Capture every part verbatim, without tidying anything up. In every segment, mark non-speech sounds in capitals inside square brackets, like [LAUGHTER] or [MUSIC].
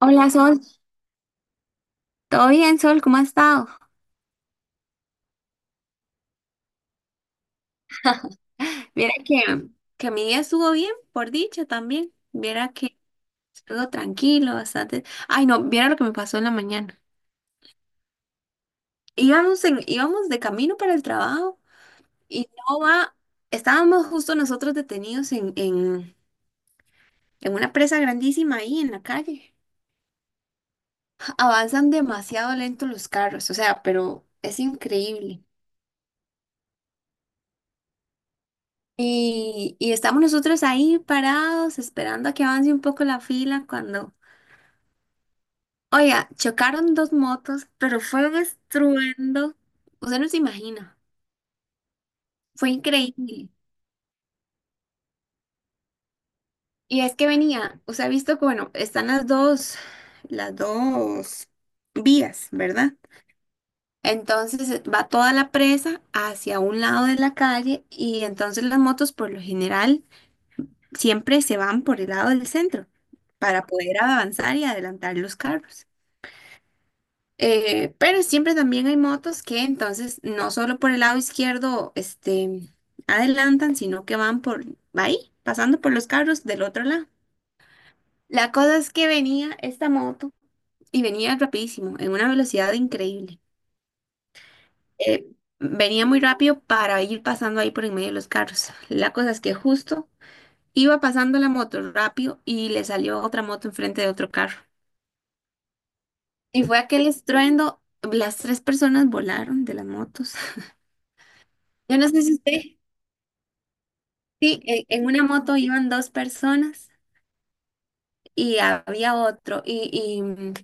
Hola Sol, ¿todo bien Sol? ¿Cómo has estado? Viera que, que mi día estuvo bien, por dicha también. Viera que estuvo tranquilo, bastante. Ay, no, viera lo que me pasó en la mañana. Íbamos, en, íbamos de camino para el trabajo y no va, estábamos justo nosotros detenidos en, en, en una presa grandísima ahí en la calle. Avanzan demasiado lento los carros, o sea, pero es increíble. Y, y estamos nosotros ahí parados esperando a que avance un poco la fila cuando... Oiga, chocaron dos motos, pero fue un estruendo. Usted no se imagina. Fue increíble. Y es que venía, usted ha visto que, bueno, están las dos, las dos vías, ¿verdad? Entonces eh, va toda la presa hacia un lado de la calle y entonces las motos por lo general siempre se van por el lado del centro para poder avanzar y adelantar los carros. Eh, pero siempre también hay motos que entonces no solo por el lado izquierdo este, adelantan, sino que van por ahí, pasando por los carros del otro lado. La cosa es que venía esta moto y venía rapidísimo, en una velocidad increíble. Eh, Venía muy rápido para ir pasando ahí por en medio de los carros. La cosa es que justo iba pasando la moto rápido y le salió otra moto enfrente de otro carro. Y fue aquel estruendo, las tres personas volaron de las motos. [LAUGHS] Yo no sé si usted... Sí, en, en una moto iban dos personas y había otro. Y, y, mm,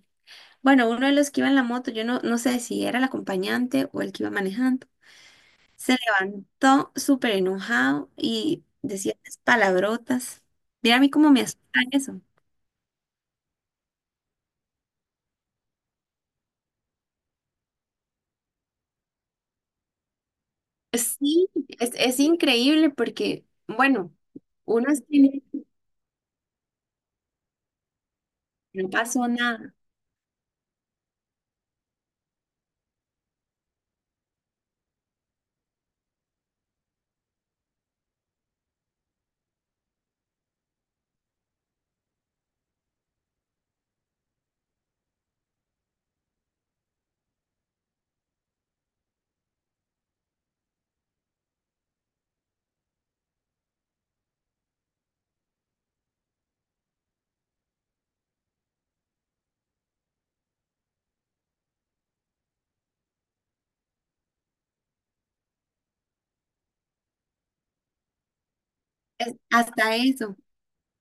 Bueno, uno de los que iba en la moto, yo no, no sé si era el acompañante o el que iba manejando, se levantó súper enojado y decía esas palabrotas. Mira a mí cómo me asusta eso. Sí, es, es increíble porque, bueno, uno es que no pasó nada, es- hasta eso.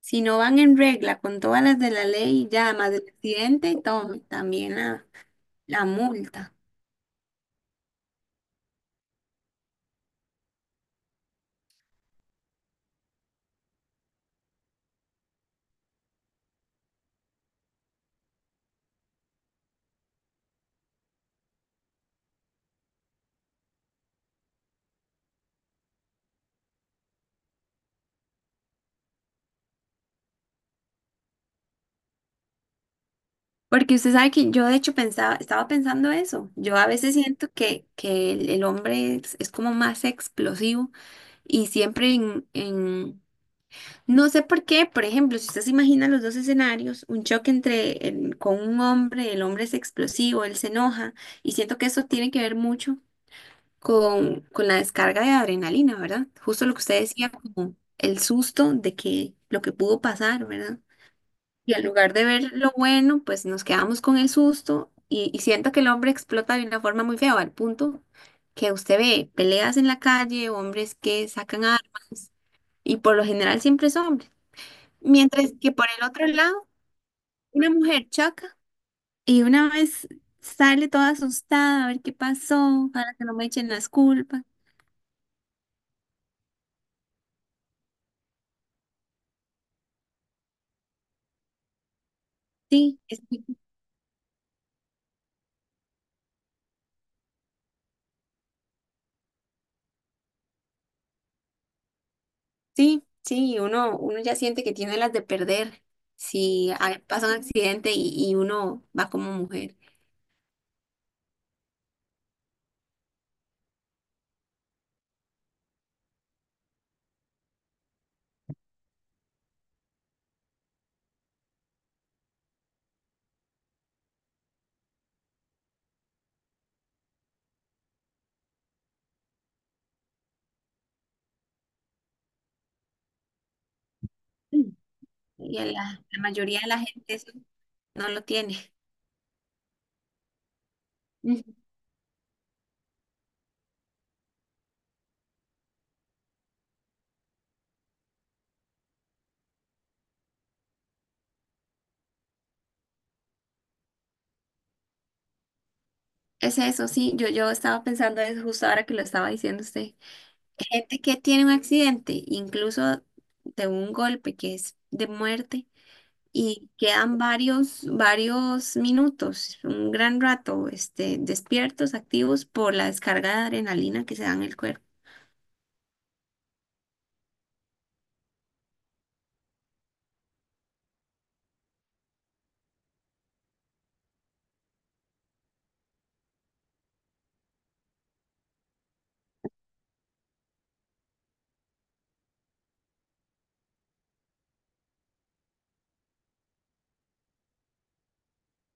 Si no van en regla con todas las de la ley, ya más del accidente y todo, también nada. La multa. Porque usted sabe que yo de hecho pensaba, estaba pensando eso. Yo a veces siento que, que el, el hombre es, es como más explosivo y siempre en, en- no sé por qué, por ejemplo, si usted se imagina los dos escenarios, un choque entre el- con un hombre, el hombre es explosivo, él se enoja y siento que eso tiene que ver mucho con, con la descarga de adrenalina, ¿verdad? Justo lo que usted decía, como el susto de que lo que pudo pasar, ¿verdad? Y en lugar de ver lo bueno, pues nos quedamos con el susto y, y siento que el hombre explota de una forma muy fea, al punto que usted ve peleas en la calle, hombres que sacan armas y por lo general siempre es hombre. Mientras que por el otro lado, una mujer choca y una vez sale toda asustada a ver qué pasó, para que no me echen las culpas. Sí, es- sí, sí, uno, uno ya siente que tiene las de perder si ah, pasa un accidente y, y uno va como mujer. Y a la, la mayoría de la gente eso no lo tiene. Ujú. Es eso, sí, yo, yo estaba pensando eso justo ahora que lo estaba diciendo usted. Gente que tiene un accidente, incluso de un golpe que es de muerte, y quedan varios, varios minutos, un gran rato, este, despiertos, activos por la descarga de adrenalina que se da en el cuerpo.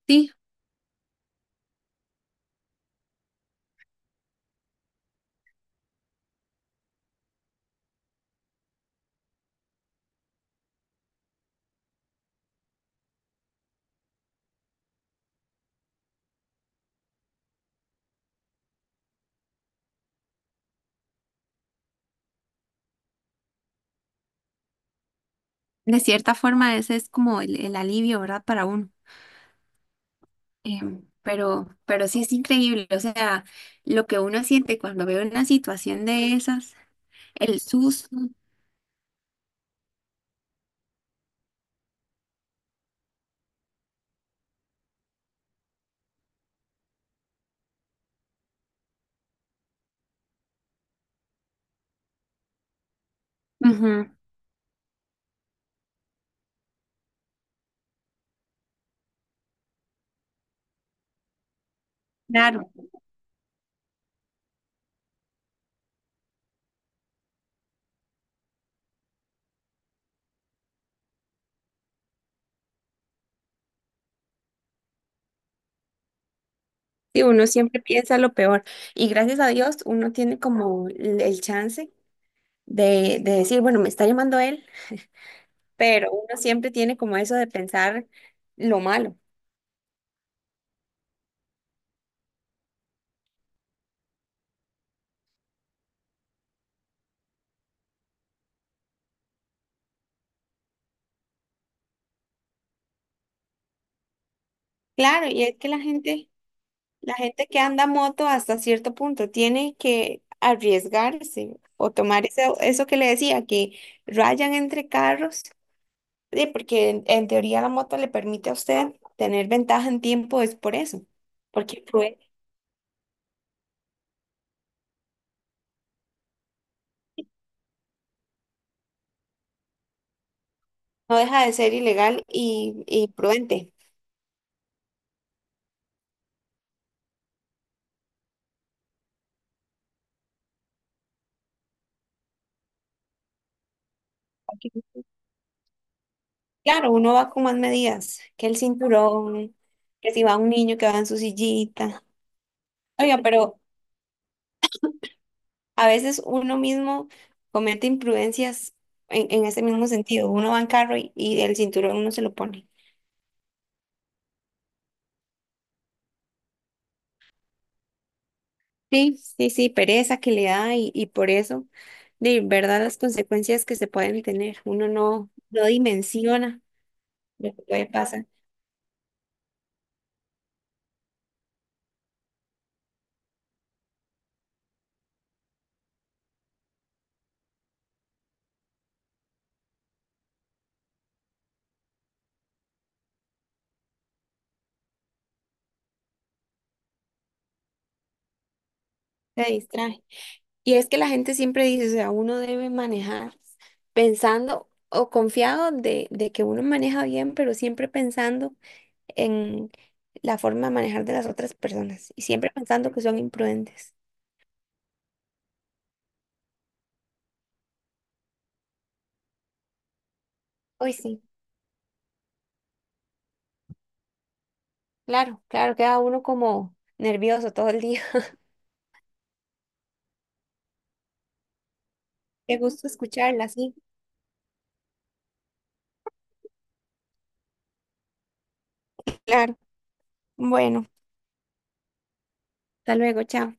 Sí, de cierta forma ese es como el, el alivio, ¿verdad? Para uno. Em, pero, pero sí es increíble, o sea, lo que uno siente cuando ve una situación de esas, el susto. Ujú, claro. Sí, uno siempre piensa lo peor y gracias a Dios uno tiene como el el chance de, de decir, bueno, me está llamando él, pero uno siempre tiene como eso de pensar lo malo. Claro, y es que la gente la gente que anda moto hasta cierto punto tiene que arriesgarse o tomar ese eso que le decía, que rayan entre carros, sí, porque en, en teoría la moto le permite a usted tener ventaja en tiempo, es por eso, porque prue- no deja de ser ilegal y, y prudente. Aquí, claro, uno va con más medidas, que el cinturón, que si va un niño que va en su sillita. Oiga, pero a veces uno mismo comete imprudencias en, en ese mismo sentido. Uno va en carro y, y el cinturón uno se lo pone. Sí, sí, sí, pereza que le da y, y por eso, de verdad, las consecuencias que se pueden tener. Uno no, no dimensiona lo que puede pasar, se distrae. Y es que la gente siempre dice, o sea, uno debe manejar pensando o confiado de, de que uno maneja bien, pero siempre pensando en la forma de manejar de las otras personas y siempre pensando que son imprudentes. Hoy sí, claro, claro, queda uno como nervioso todo el día. [LAUGHS] Qué gusto escucharla, sí, claro. Bueno, hasta luego, chao.